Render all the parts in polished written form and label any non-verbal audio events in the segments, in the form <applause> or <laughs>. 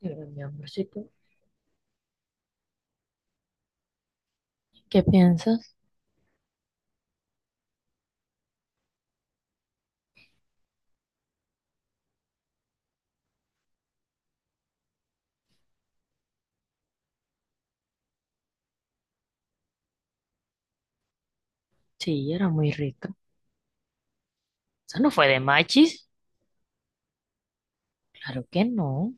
Yo era mi amorcito. ¿Qué piensas? Sí, era muy rica. Esa no fue de Machis. Claro que no.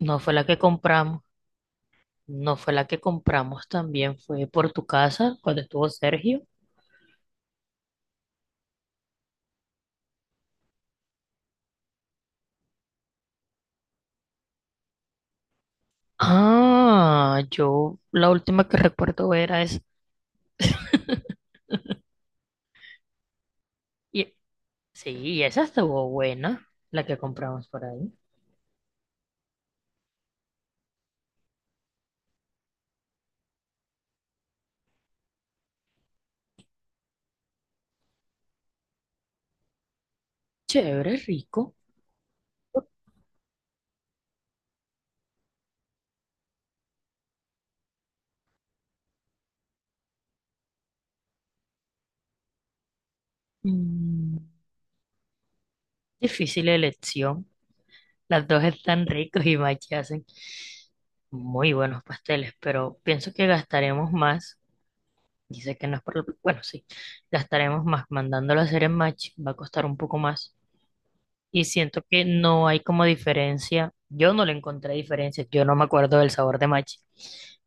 No fue la que compramos. No fue la que compramos también. Fue por tu casa cuando estuvo Sergio. Ah, yo la última que recuerdo era esa. Y, sí, y esa estuvo buena, la que compramos por ahí. Chévere, rico. Mm, Difícil elección. Las dos están ricos y Machi hacen muy buenos pasteles, pero pienso que gastaremos más. Dice que no es por el. Bueno, sí, gastaremos más mandándolo a hacer en Machi, va a costar un poco más. Y siento que no hay como diferencia. Yo no le encontré diferencia, yo no me acuerdo del sabor de Machi.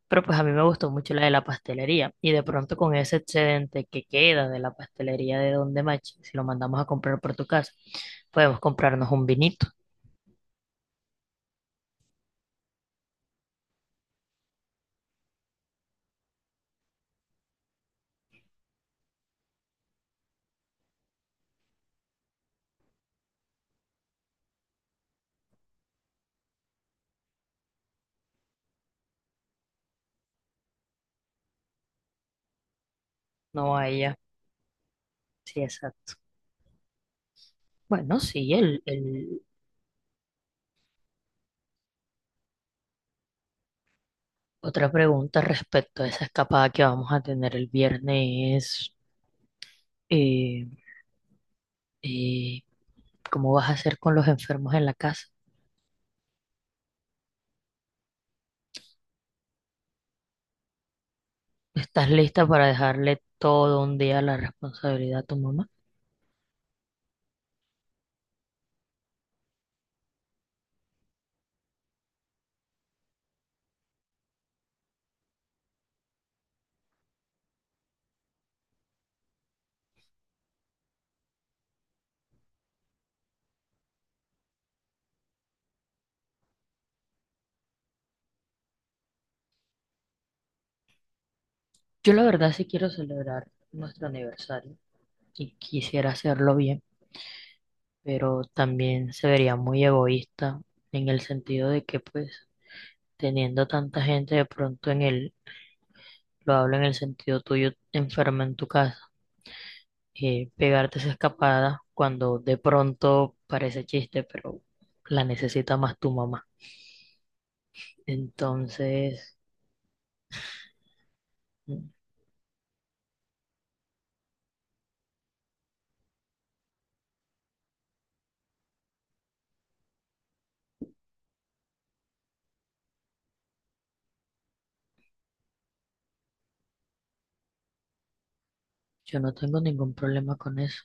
Pero pues a mí me gustó mucho la de la pastelería. Y de pronto con ese excedente que queda de la pastelería de Don de Machi, si lo mandamos a comprar por tu casa, podemos comprarnos un vinito. No, a ella. Sí, exacto. Bueno, sí, otra pregunta respecto a esa escapada que vamos a tener el viernes es, eh, eh, ¿cómo vas a hacer con los enfermos en la casa? ¿Estás lista para dejarle todo un día la responsabilidad a tu mamá? Yo la verdad sí quiero celebrar nuestro aniversario y quisiera hacerlo bien, pero también se vería muy egoísta en el sentido de que pues teniendo tanta gente de pronto en el, lo hablo en el sentido tuyo, enferma en tu casa pegarte esa escapada cuando de pronto parece chiste, pero la necesita más tu mamá. Entonces, mm, yo no tengo ningún problema con eso.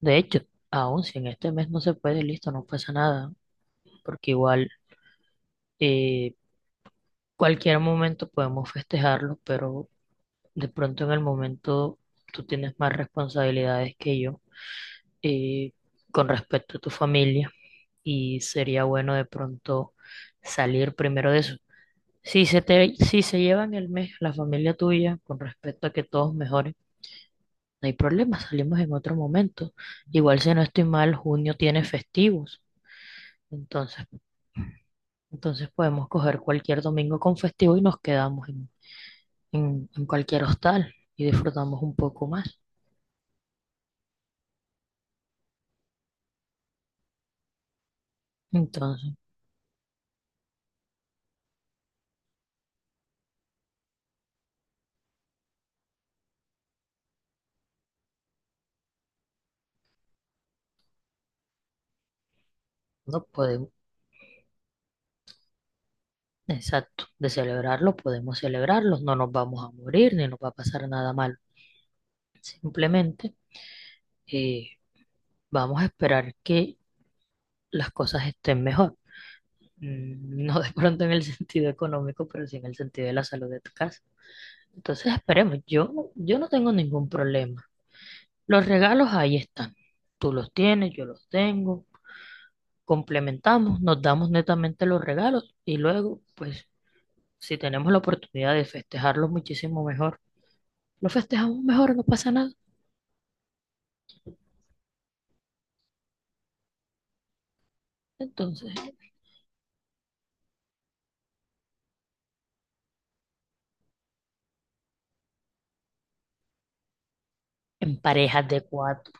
De hecho, aún si en este mes no se puede, listo, no pasa nada, porque igual eh, cualquier momento podemos festejarlo, pero de pronto en el momento tú tienes más responsabilidades que yo eh, con respecto a tu familia y sería bueno de pronto salir primero de eso. Si se te, si se llevan el mes la familia tuya con respecto a que todos mejoren, no hay problema, salimos en otro momento. Igual si no estoy mal, junio tiene festivos. Entonces, entonces podemos coger cualquier domingo con festivo y nos quedamos en cualquier hostal y disfrutamos un poco más. Entonces, no podemos, exacto, de celebrarlo podemos celebrarlo, no nos vamos a morir ni nos va a pasar nada malo. Simplemente eh, vamos a esperar que las cosas estén mejor. No de pronto en el sentido económico, pero sí en el sentido de la salud de tu casa. Entonces esperemos, yo no tengo ningún problema. Los regalos ahí están. Tú los tienes, yo los tengo. Complementamos, nos damos netamente los regalos y luego, pues, si tenemos la oportunidad de festejarlos muchísimo mejor, lo festejamos mejor, no pasa nada. Entonces, en parejas de cuatro.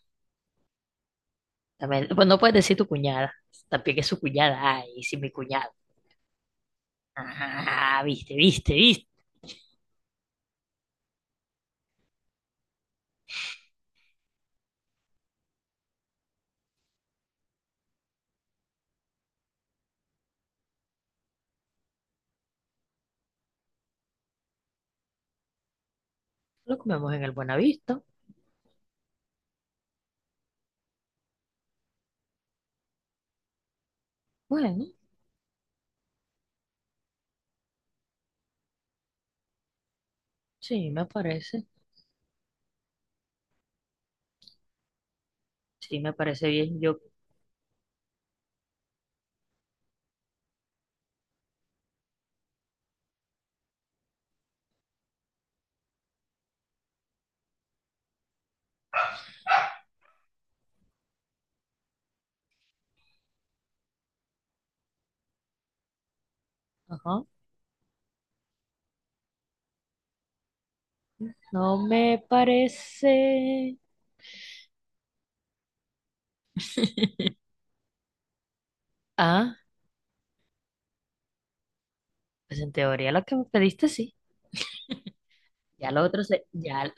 También, pues no puedes decir tu cuñada, también que es su cuñada. Ay, sí, mi cuñada. Ah, viste, viste, viste. Lo comemos en el Buenavista. Bueno, sí, me parece. Sí, me parece bien. Yo, ajá. No me parece. <laughs> Ah, pues en teoría lo que me pediste sí. Ya lo otro ya,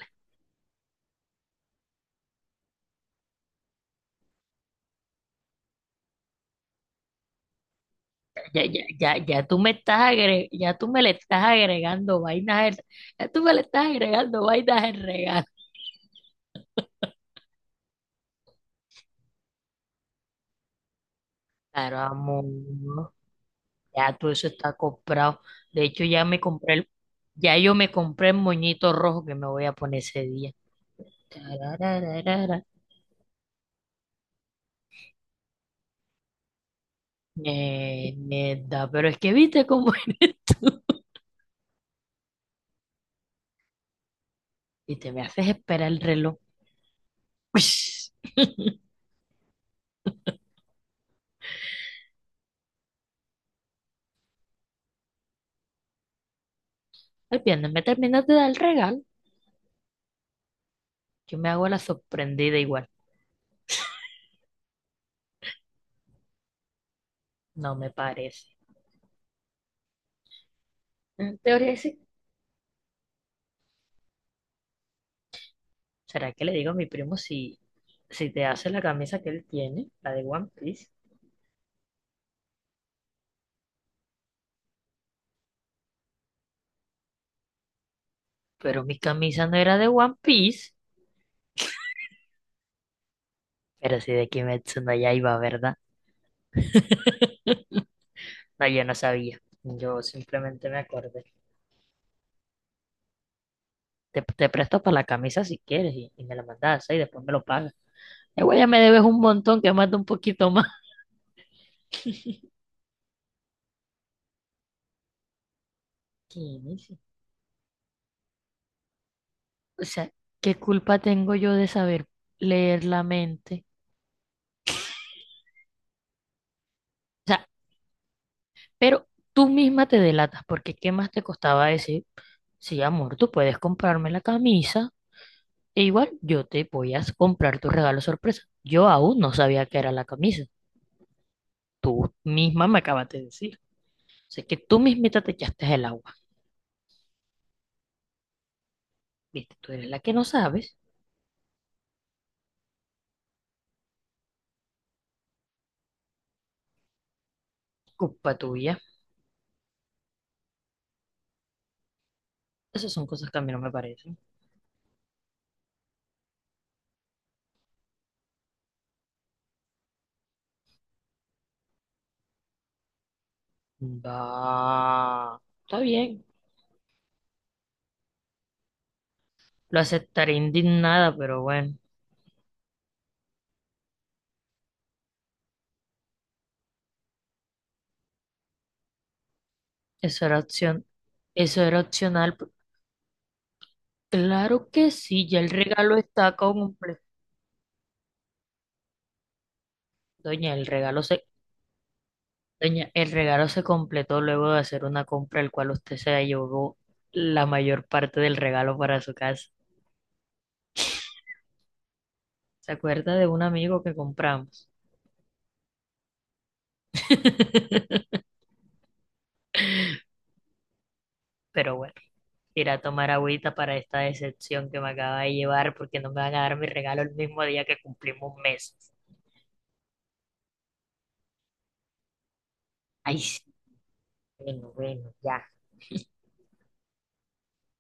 ya, ya, ya, ya tú me estás agre- ya tú me le estás agregando vainas, ya tú me le estás agregando vainas en regalo. Claro, amor, ya todo eso está comprado. De hecho, ya yo me compré el moñito rojo que me voy a poner ese día. Tararararara. Neta, pero es que viste cómo es. Y te me haces esperar el reloj. <laughs> Ush. El viernes me terminas de dar el regalo. Yo me hago la sorprendida igual. No me parece. En teoría sí. ¿Será que le digo a mi primo si te hace la camisa que él tiene, la de One Piece? Pero mi camisa no era de One Piece. Pero sí de Kimetsu no iba, ¿verdad? No, yo no sabía. Yo simplemente me acordé. Te presto para la camisa si quieres y me la mandas y después me lo pagas. Igual ya me debes un montón, que manda un poquito más. <laughs> ¿Qué dice? O sea, ¿qué culpa tengo yo de saber leer la mente? O sea, pero tú misma te delatas, porque ¿qué más te costaba decir? Sí, amor, tú puedes comprarme la camisa e igual yo te voy a comprar tu regalo sorpresa. Yo aún no sabía que era la camisa. Tú misma me acabas de decir. O sea, que tú mismita te echaste el agua. Viste, tú eres la que no sabes. Culpa tuya. Esas son cosas que a mí no me parecen. Va. Está bien. Lo aceptaré indignada, pero bueno, eso era opción, eso era opcional. Claro que sí, ya el regalo está completo. Doña, el regalo se, doña, el regalo se completó luego de hacer una compra, el cual usted se llevó la mayor parte del regalo para su casa. ¿Se acuerda de un amigo que compramos? <laughs> Pero bueno, iré a tomar agüita para esta decepción que me acaba de llevar, porque no me van a dar mi regalo el mismo día que cumplimos meses. Ay, sí, bueno, bueno, ya.